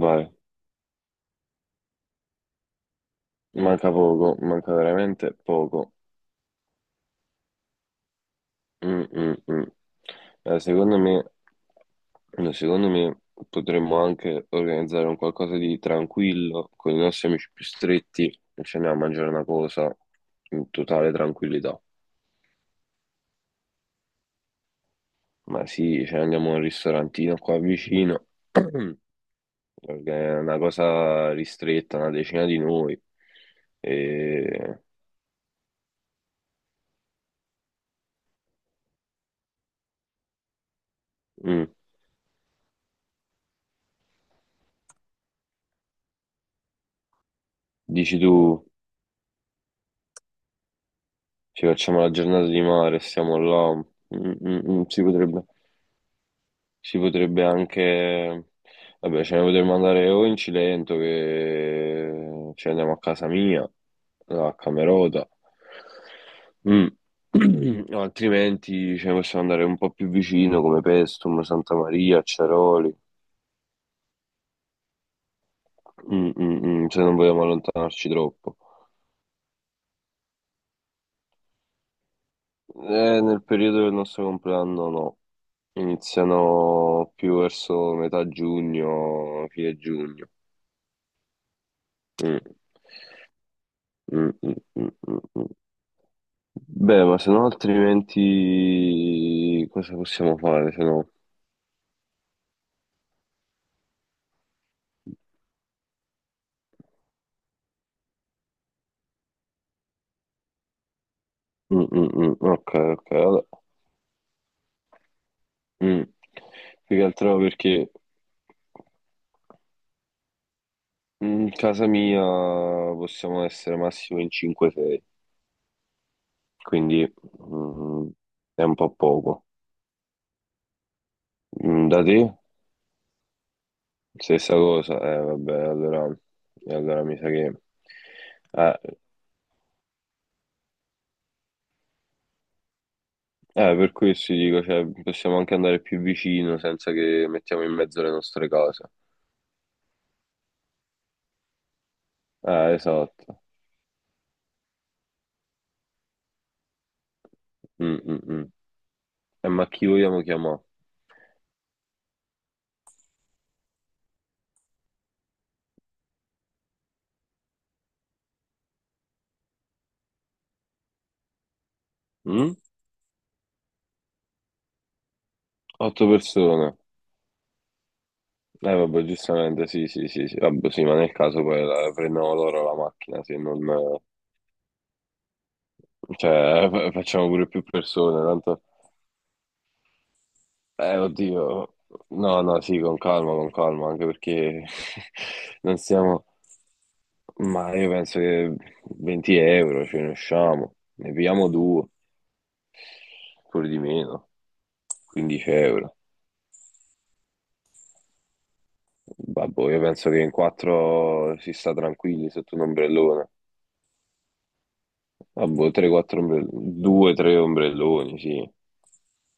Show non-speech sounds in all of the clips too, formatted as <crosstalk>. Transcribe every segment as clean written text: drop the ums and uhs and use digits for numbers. Vai, manca poco, manca veramente poco. Mm, mm, mm. Secondo me, no, secondo me potremmo anche organizzare un qualcosa di tranquillo con i nostri amici più stretti e ci andiamo a mangiare una cosa in totale tranquillità. Ma sì, ci andiamo a un ristorantino qua vicino, mm, una cosa ristretta, una decina di noi. E, mm, Dici tu. Ci facciamo la giornata di mare, stiamo là. Si potrebbe, si potrebbe anche... Vabbè, ce ne potremmo andare o in Cilento che ci andiamo a casa mia, a Camerota. Mm. <clears throat> O altrimenti ce ne possiamo andare un po' più vicino come Pestum, Santa Maria, Ceroli. Se non vogliamo allontanarci troppo. Nel periodo del nostro compleanno no. Iniziano più verso metà giugno, fine giugno. Mm, mm, mm, mm, mm, mm. Beh, ma se no altrimenti cosa possiamo fare? Se no... Mm, mm, mm. Ok, ok, vabbè. Mm. Più che altro perché in casa mia possiamo essere massimo in 5-6, quindi mm, è un po' poco. Mm. Da te? Stessa cosa, vabbè, allora, e allora mi sa che... Eh, eh, per questo dico, cioè, possiamo anche andare più vicino senza che mettiamo in mezzo le nostre cose. Esatto. Mm, mm, mm. Ma chi vogliamo chiamare? Mm? Otto persone. Vabbè, giustamente, sì, sì, sì, sì. Vabbè, sì, ma nel caso poi prendiamo loro la macchina, se non... Cioè, facciamo pure più persone, tanto... oddio. No, no, sì, con calma, anche perché <laughs> non stiamo... Ma io penso che 20 euro ce ne usciamo, ne pigliamo due, pure di meno, 15 euro. Vabbè, io penso che in quattro si sta tranquilli sotto un ombrellone. Vabbè, 3-4 ombrelloni, 2-3 ombrelloni, sì.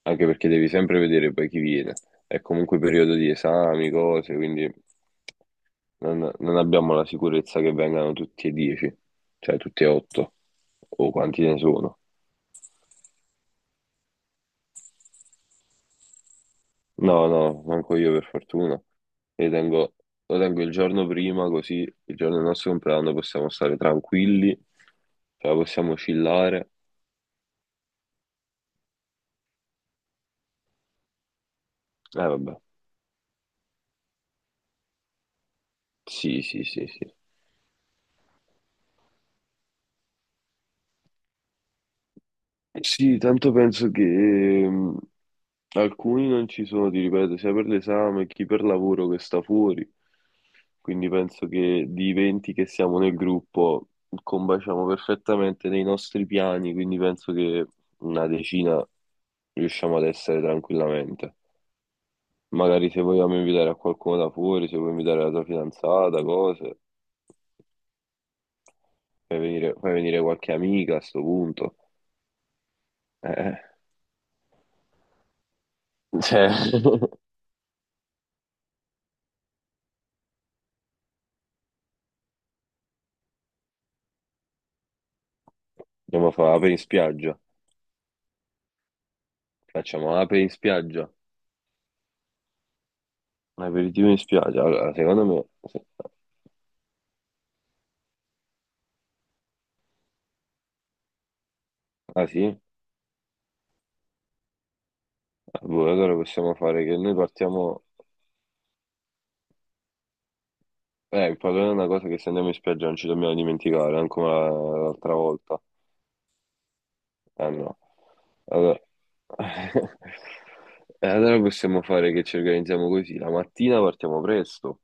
Anche perché devi sempre vedere poi chi viene. È comunque periodo di esami, cose, quindi non abbiamo la sicurezza che vengano tutti e 10, cioè tutti e 8, o quanti ne sono. No, no, manco io per fortuna. Li tengo- lo tengo il giorno prima, così il giorno del nostro compleanno possiamo stare tranquilli, cioè possiamo chillare. Eh vabbè, sì, sì, sì, sì. Sì, tanto penso che alcuni non ci sono, ti ripeto, sia per l'esame che per lavoro che sta fuori. Quindi penso che di 20 che siamo nel gruppo combaciamo perfettamente nei nostri piani, quindi penso che una decina riusciamo ad essere tranquillamente. Magari se vogliamo invitare a qualcuno da fuori, se vuoi invitare la tua fidanzata, cose, fai venire qualche amica a sto punto. Eh, cioè, <laughs> andiamo a fare ape in spiaggia. Facciamo ape in spiaggia. Un aperitivo in spiaggia. Allora, secondo me... Ah sì? Ah, boh, allora possiamo fare che noi partiamo... il problema è una cosa che se andiamo in spiaggia non ci dobbiamo dimenticare, anche come l'altra volta. Ah no. Allora... <laughs> E allora possiamo fare che ci organizziamo così. La mattina partiamo presto,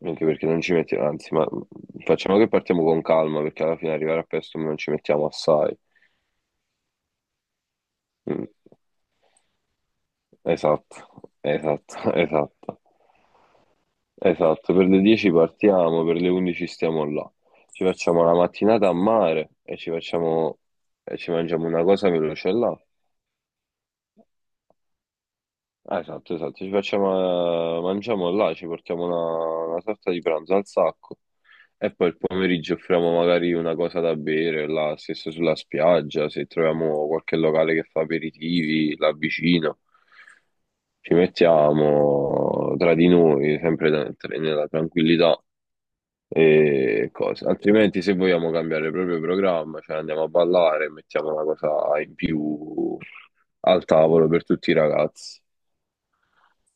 anche perché non ci mettiamo... Anzi, ma facciamo che partiamo con calma, perché alla fine arrivare a presto non ci mettiamo assai. Mm. Esatto, esatto, <laughs> esatto, esatto. Per le 10 partiamo, per le 11 stiamo là. Ci facciamo la mattinata a mare e ci mangiamo una cosa veloce là. Ah, esatto, esatto, ci facciamo, mangiamo là, ci portiamo una sorta di pranzo al sacco e poi il pomeriggio offriamo magari una cosa da bere là, stesso sulla spiaggia, se troviamo qualche locale che fa aperitivi là vicino. Ci mettiamo tra di noi, sempre nella tranquillità e cose. Altrimenti, se vogliamo cambiare proprio il programma, cioè andiamo a ballare, mettiamo una cosa in più al tavolo per tutti i ragazzi.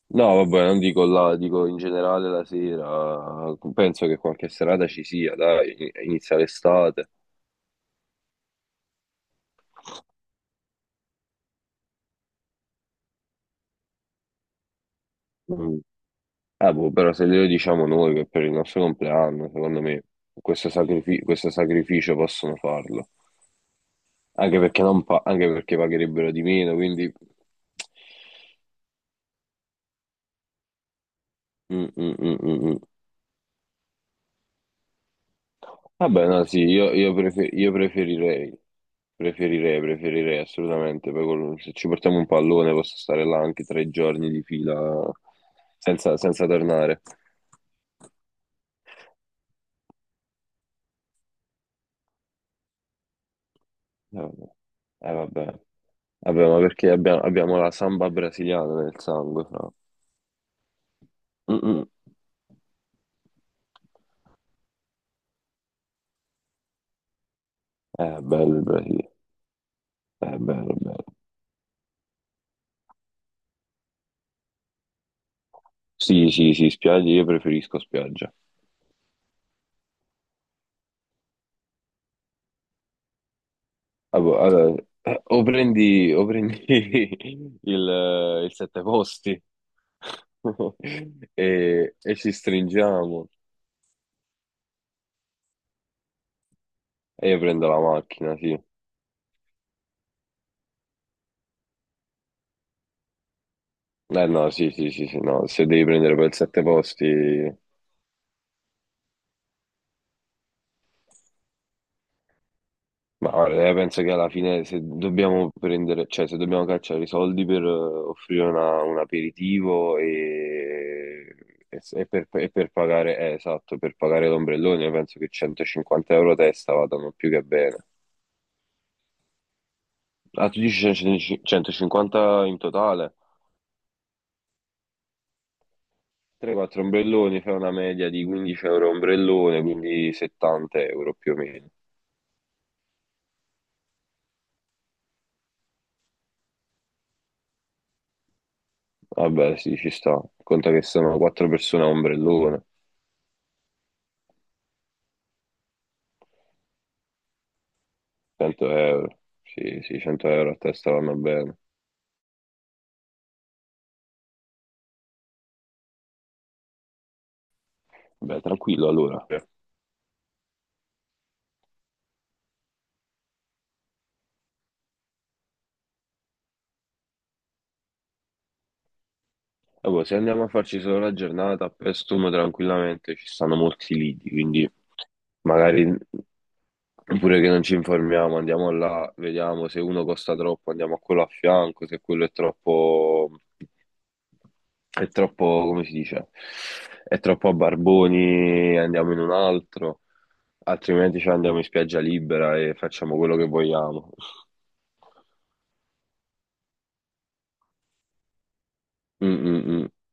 No, vabbè, non dico là, dico in generale la sera. Penso che qualche serata ci sia, dai, inizia l'estate. Mm. Boh, però se glielo diciamo noi che per il nostro compleanno, secondo me, questo sacrificio possono farlo. Anche perché, non pa- anche perché pagherebbero di meno, quindi... Mm, mm, mm, mm, mm. Vabbè, no, sì, io preferirei, preferirei, preferirei assolutamente. Poi se ci portiamo un pallone posso stare là anche tre giorni di fila senza tornare. Vabbè. Vabbè. Vabbè, ma perché abbiamo la samba brasiliana nel sangue, fra. Mm, mm. Bello il Brasile, è bello, bello. Sì, sì, sì, spiagge, io preferisco spiaggia. Ah, boh, allora, o prendi <laughs> il sette posti <laughs> e ci stringiamo e io prendo la macchina, sì. Eh no, sì, sì, sì, sì, no, se devi prendere poi il sette posti, ma guarda, penso che alla fine se dobbiamo prendere, cioè se dobbiamo cacciare i soldi per offrire un aperitivo e, e per pagare, esatto, per pagare l'ombrellone, io penso che 150 euro a testa vadano più che bene. Ah, tu dici 100 150 in totale? 3-4 ombrelloni, fai una media di 15 euro ombrellone, quindi 70 euro più o meno. Vabbè, sì, ci sta. Conta che sono 4 persone a ombrellone, 100 euro. Sì, sì, 100 euro a testa vanno bene. Vabbè, tranquillo allora. Ah, boh, se andiamo a farci solo la giornata a Paestum tranquillamente ci stanno molti lidi, quindi magari oppure che non ci informiamo, andiamo là, vediamo se uno costa troppo, andiamo a quello a fianco, se quello è troppo, come si dice, è troppo a barboni, andiamo in un altro, altrimenti ci andiamo in spiaggia libera e facciamo quello che vogliamo. Mm, mm, mm.